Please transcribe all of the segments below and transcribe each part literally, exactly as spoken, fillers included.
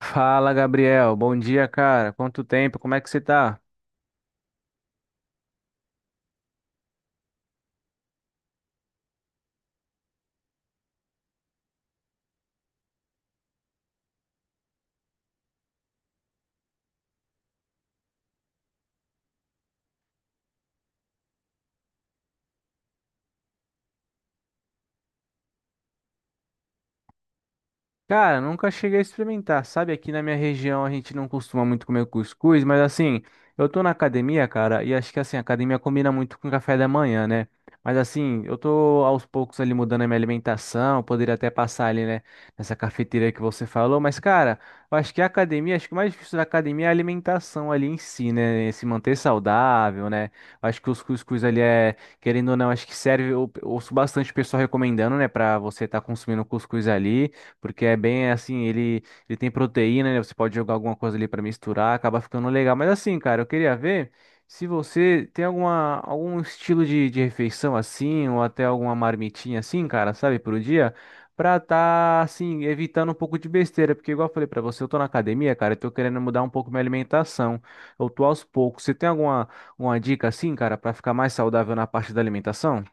Fala, Gabriel. Bom dia, cara. Quanto tempo? Como é que você tá? Cara, nunca cheguei a experimentar, sabe? Aqui na minha região a gente não costuma muito comer cuscuz, mas assim, eu tô na academia, cara, e acho que assim, a academia combina muito com café da manhã, né? Mas assim, eu tô aos poucos ali mudando a minha alimentação, eu poderia até passar ali, né, nessa cafeteria que você falou, mas cara, eu acho que a academia, acho que o mais difícil da academia é a alimentação ali em si, né? Se manter saudável, né? Eu Acho que os cuscuz ali é, querendo ou não, acho que serve, eu ouço bastante o pessoal recomendando, né, pra você estar tá consumindo cuscuz ali porque é bem assim, ele, ele tem proteína, né? Você pode jogar alguma coisa ali para misturar, acaba ficando legal. Mas assim, cara, eu queria ver se você tem alguma, algum estilo de, de refeição assim, ou até alguma marmitinha assim, cara, sabe, pro dia. Pra tá, assim, evitando um pouco de besteira, porque igual eu falei pra você, eu tô na academia, cara, eu tô querendo mudar um pouco minha alimentação. Eu tô aos poucos. Você tem alguma uma dica assim, cara, pra ficar mais saudável na parte da alimentação?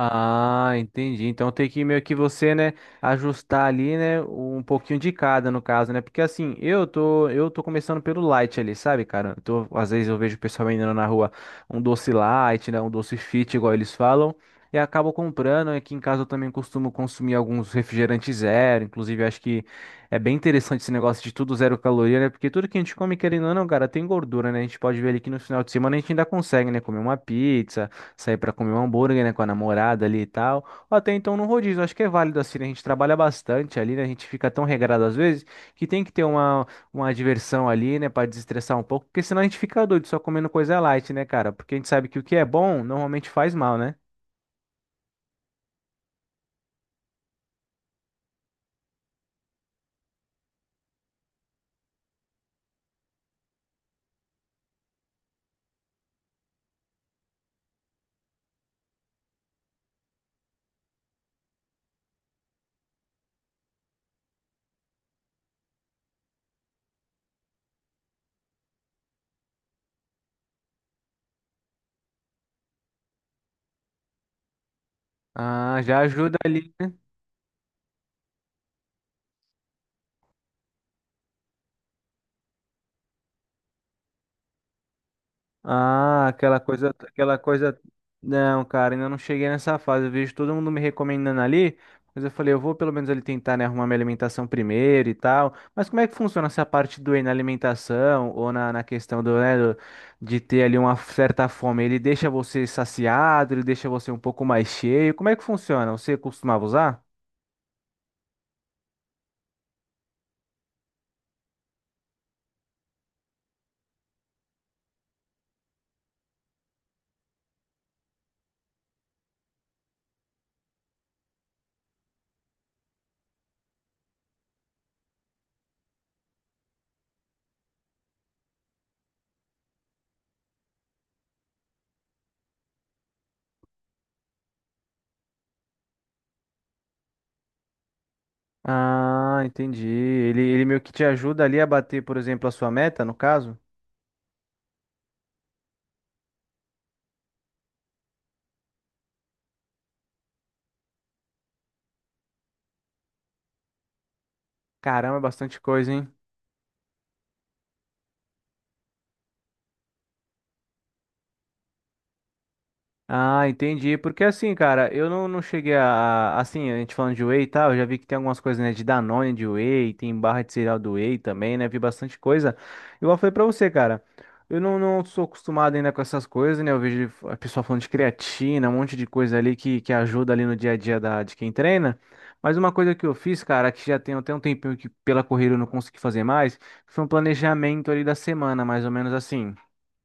Ah, entendi. Então tem que meio que você, né, ajustar ali, né, um pouquinho de cada no caso, né? Porque assim, eu tô, eu tô começando pelo light ali, sabe, cara? Eu tô- às vezes eu vejo o pessoal vendendo na rua um doce light, né, um doce fit, igual eles falam, e acabo comprando. Aqui em casa eu também costumo consumir alguns refrigerantes zero, inclusive eu acho que é bem interessante esse negócio de tudo zero caloria, né? Porque tudo que a gente come, querendo ou não, cara, tem gordura, né? A gente pode ver ali que no final de semana a gente ainda consegue, né, comer uma pizza, sair pra comer um hambúrguer, né, com a namorada ali e tal. Ou até então no rodízio, acho que é válido assim, né? A gente trabalha bastante ali, né? A gente fica tão regrado às vezes que tem que ter uma, uma diversão ali, né, pra desestressar um pouco, porque senão a gente fica doido só comendo coisa light, né, cara? Porque a gente sabe que o que é bom normalmente faz mal, né? Ah, já ajuda ali. Ah, aquela coisa, aquela coisa. Não, cara, ainda não cheguei nessa fase. Eu vejo todo mundo me recomendando ali, mas eu falei, eu vou pelo menos ali tentar, né, arrumar minha alimentação primeiro e tal. Mas como é que funciona essa parte do whey na alimentação ou na, na questão do, né, do- de ter ali uma certa fome? Ele deixa você saciado, ele deixa você um pouco mais cheio. Como é que funciona? Você costumava usar? Ah, entendi. Ele, ele meio que te ajuda ali a bater, por exemplo, a sua meta, no caso? Caramba, é bastante coisa, hein? Ah, entendi. Porque assim, cara, eu não, não cheguei a, a- Assim, a gente falando de whey e tal, eu já vi que tem algumas coisas, né? De Danone, de whey, tem barra de cereal do whey também, né? Vi bastante coisa. Igual eu falei pra você, cara. Eu não, não sou acostumado ainda com essas coisas, né? Eu vejo a pessoa falando de creatina, um monte de coisa ali que, que ajuda ali no dia a dia da, de quem treina. Mas uma coisa que eu fiz, cara, que já tem até um tempinho que pela corrida eu não consegui fazer mais, foi um planejamento ali da semana, mais ou menos assim,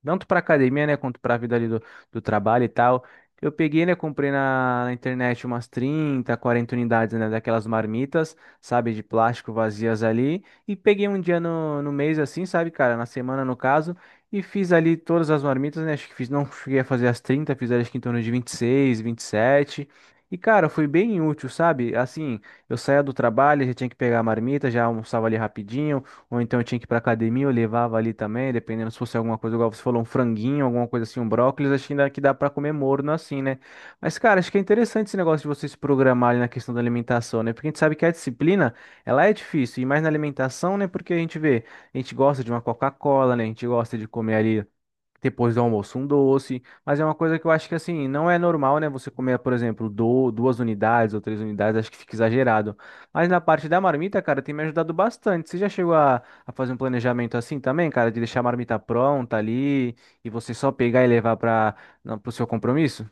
tanto para academia, né, quanto para a vida ali do, do trabalho e tal. Eu peguei, né, comprei na, na internet umas trinta quarenta unidades, né, daquelas marmitas, sabe, de plástico vazias ali, e peguei um dia no, no mês assim, sabe, cara, na semana no caso, e fiz ali todas as marmitas, né, acho que fiz, não cheguei a fazer as trinta, fiz acho que em torno de vinte e seis, vinte e sete. E, sete. E, cara, foi bem útil, sabe? Assim, eu saía do trabalho, já tinha que pegar a marmita, já almoçava ali rapidinho, ou então eu tinha que ir pra academia, eu levava ali também, dependendo se fosse alguma coisa, igual você falou, um franguinho, alguma coisa assim, um brócolis, acho que ainda que dá pra comer morno assim, né? Mas, cara, acho que é interessante esse negócio de vocês se programar na questão da alimentação, né? Porque a gente sabe que a disciplina, ela é difícil, e mais na alimentação, né? Porque a gente vê, a gente gosta de uma Coca-Cola, né? A gente gosta de comer ali depois do almoço um doce, mas é uma coisa que eu acho que assim, não é normal, né? Você comer, por exemplo, do- duas unidades ou três unidades, acho que fica exagerado. Mas na parte da marmita, cara, tem me ajudado bastante. Você já chegou a, a fazer um planejamento assim também, cara, de deixar a marmita pronta ali e você só pegar e levar para o seu compromisso?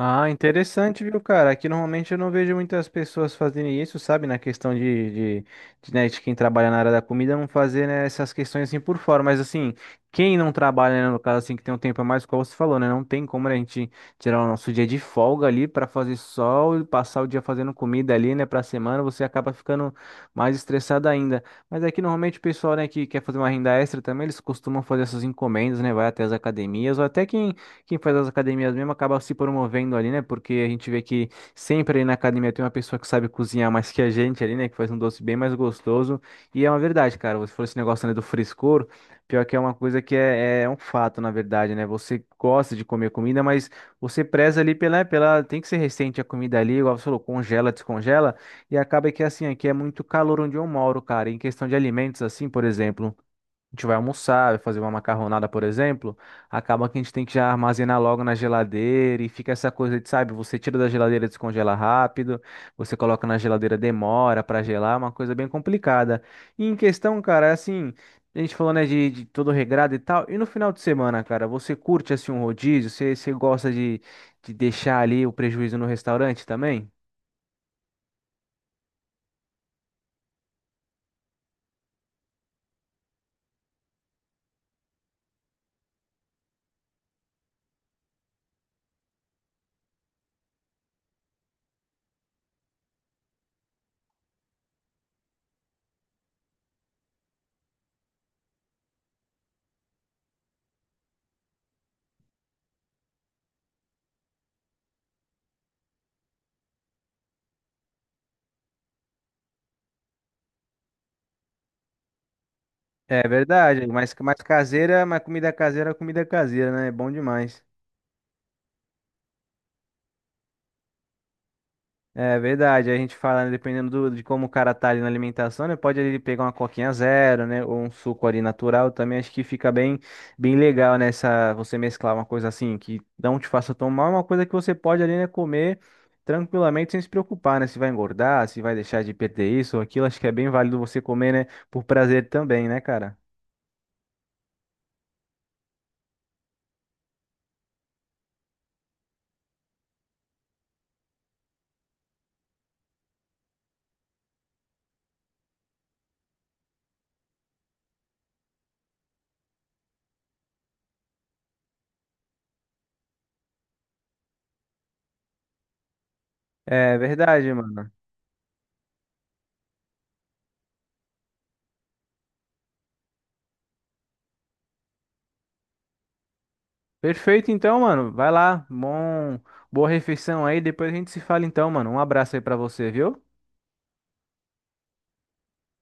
Ah, interessante, viu, cara? Aqui normalmente eu não vejo muitas pessoas fazerem isso, sabe? Na questão de, de, de, né, de quem trabalha na área da comida não fazer, né, essas questões assim por fora. Mas assim, quem não trabalha, né, no caso assim, que tem um tempo a mais, como você falou, né? Não tem como né, a gente tirar o nosso dia de folga ali para fazer sol e passar o dia fazendo comida ali, né? Pra semana, você acaba ficando mais estressado ainda. Mas aqui normalmente o pessoal, né, que quer fazer uma renda extra também, eles costumam fazer essas encomendas, né? Vai até as academias, ou até quem quem faz as academias mesmo acaba se promovendo ali, né? Porque a gente vê que sempre ali na academia tem uma pessoa que sabe cozinhar mais que a gente ali, né? Que faz um doce bem mais gostoso. E é uma verdade, cara. Você falou esse negócio, né, do frescor. Pior que é uma coisa que é, é um fato, na verdade, né? Você gosta de comer comida, mas você preza ali pela, pela. Tem que ser recente a comida ali, igual você falou, congela, descongela. E acaba que é assim, aqui é muito calor onde eu moro, cara. Em questão de alimentos, assim, por exemplo, a gente vai almoçar, vai fazer uma macarronada, por exemplo, acaba que a gente tem que já armazenar logo na geladeira e fica essa coisa de, sabe, você tira da geladeira, descongela rápido, você coloca na geladeira, demora para gelar, é uma coisa bem complicada. E em questão, cara, é assim, a gente falou, né, de, de todo regrado e tal, e no final de semana, cara, você curte, assim, um rodízio? Você, você gosta de, de deixar ali o prejuízo no restaurante também? É verdade, mas mais caseira, mais comida caseira, comida caseira, né? É bom demais. É verdade, a gente fala, né, dependendo do- de como o cara tá ali na alimentação, né? Pode ele pegar uma coquinha zero, né? Ou um suco ali natural também, acho que fica bem, bem legal nessa, você mesclar uma coisa assim, que não te faça tomar, uma coisa que você pode ali, né, comer tranquilamente sem se preocupar, né? Se vai engordar, se vai deixar de perder isso ou aquilo, acho que é bem válido você comer, né? Por prazer também, né, cara? É verdade, mano. Perfeito, então, mano. Vai lá, bom, boa refeição aí, depois a gente se fala então, mano. Um abraço aí pra você, viu?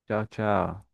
Tchau, tchau.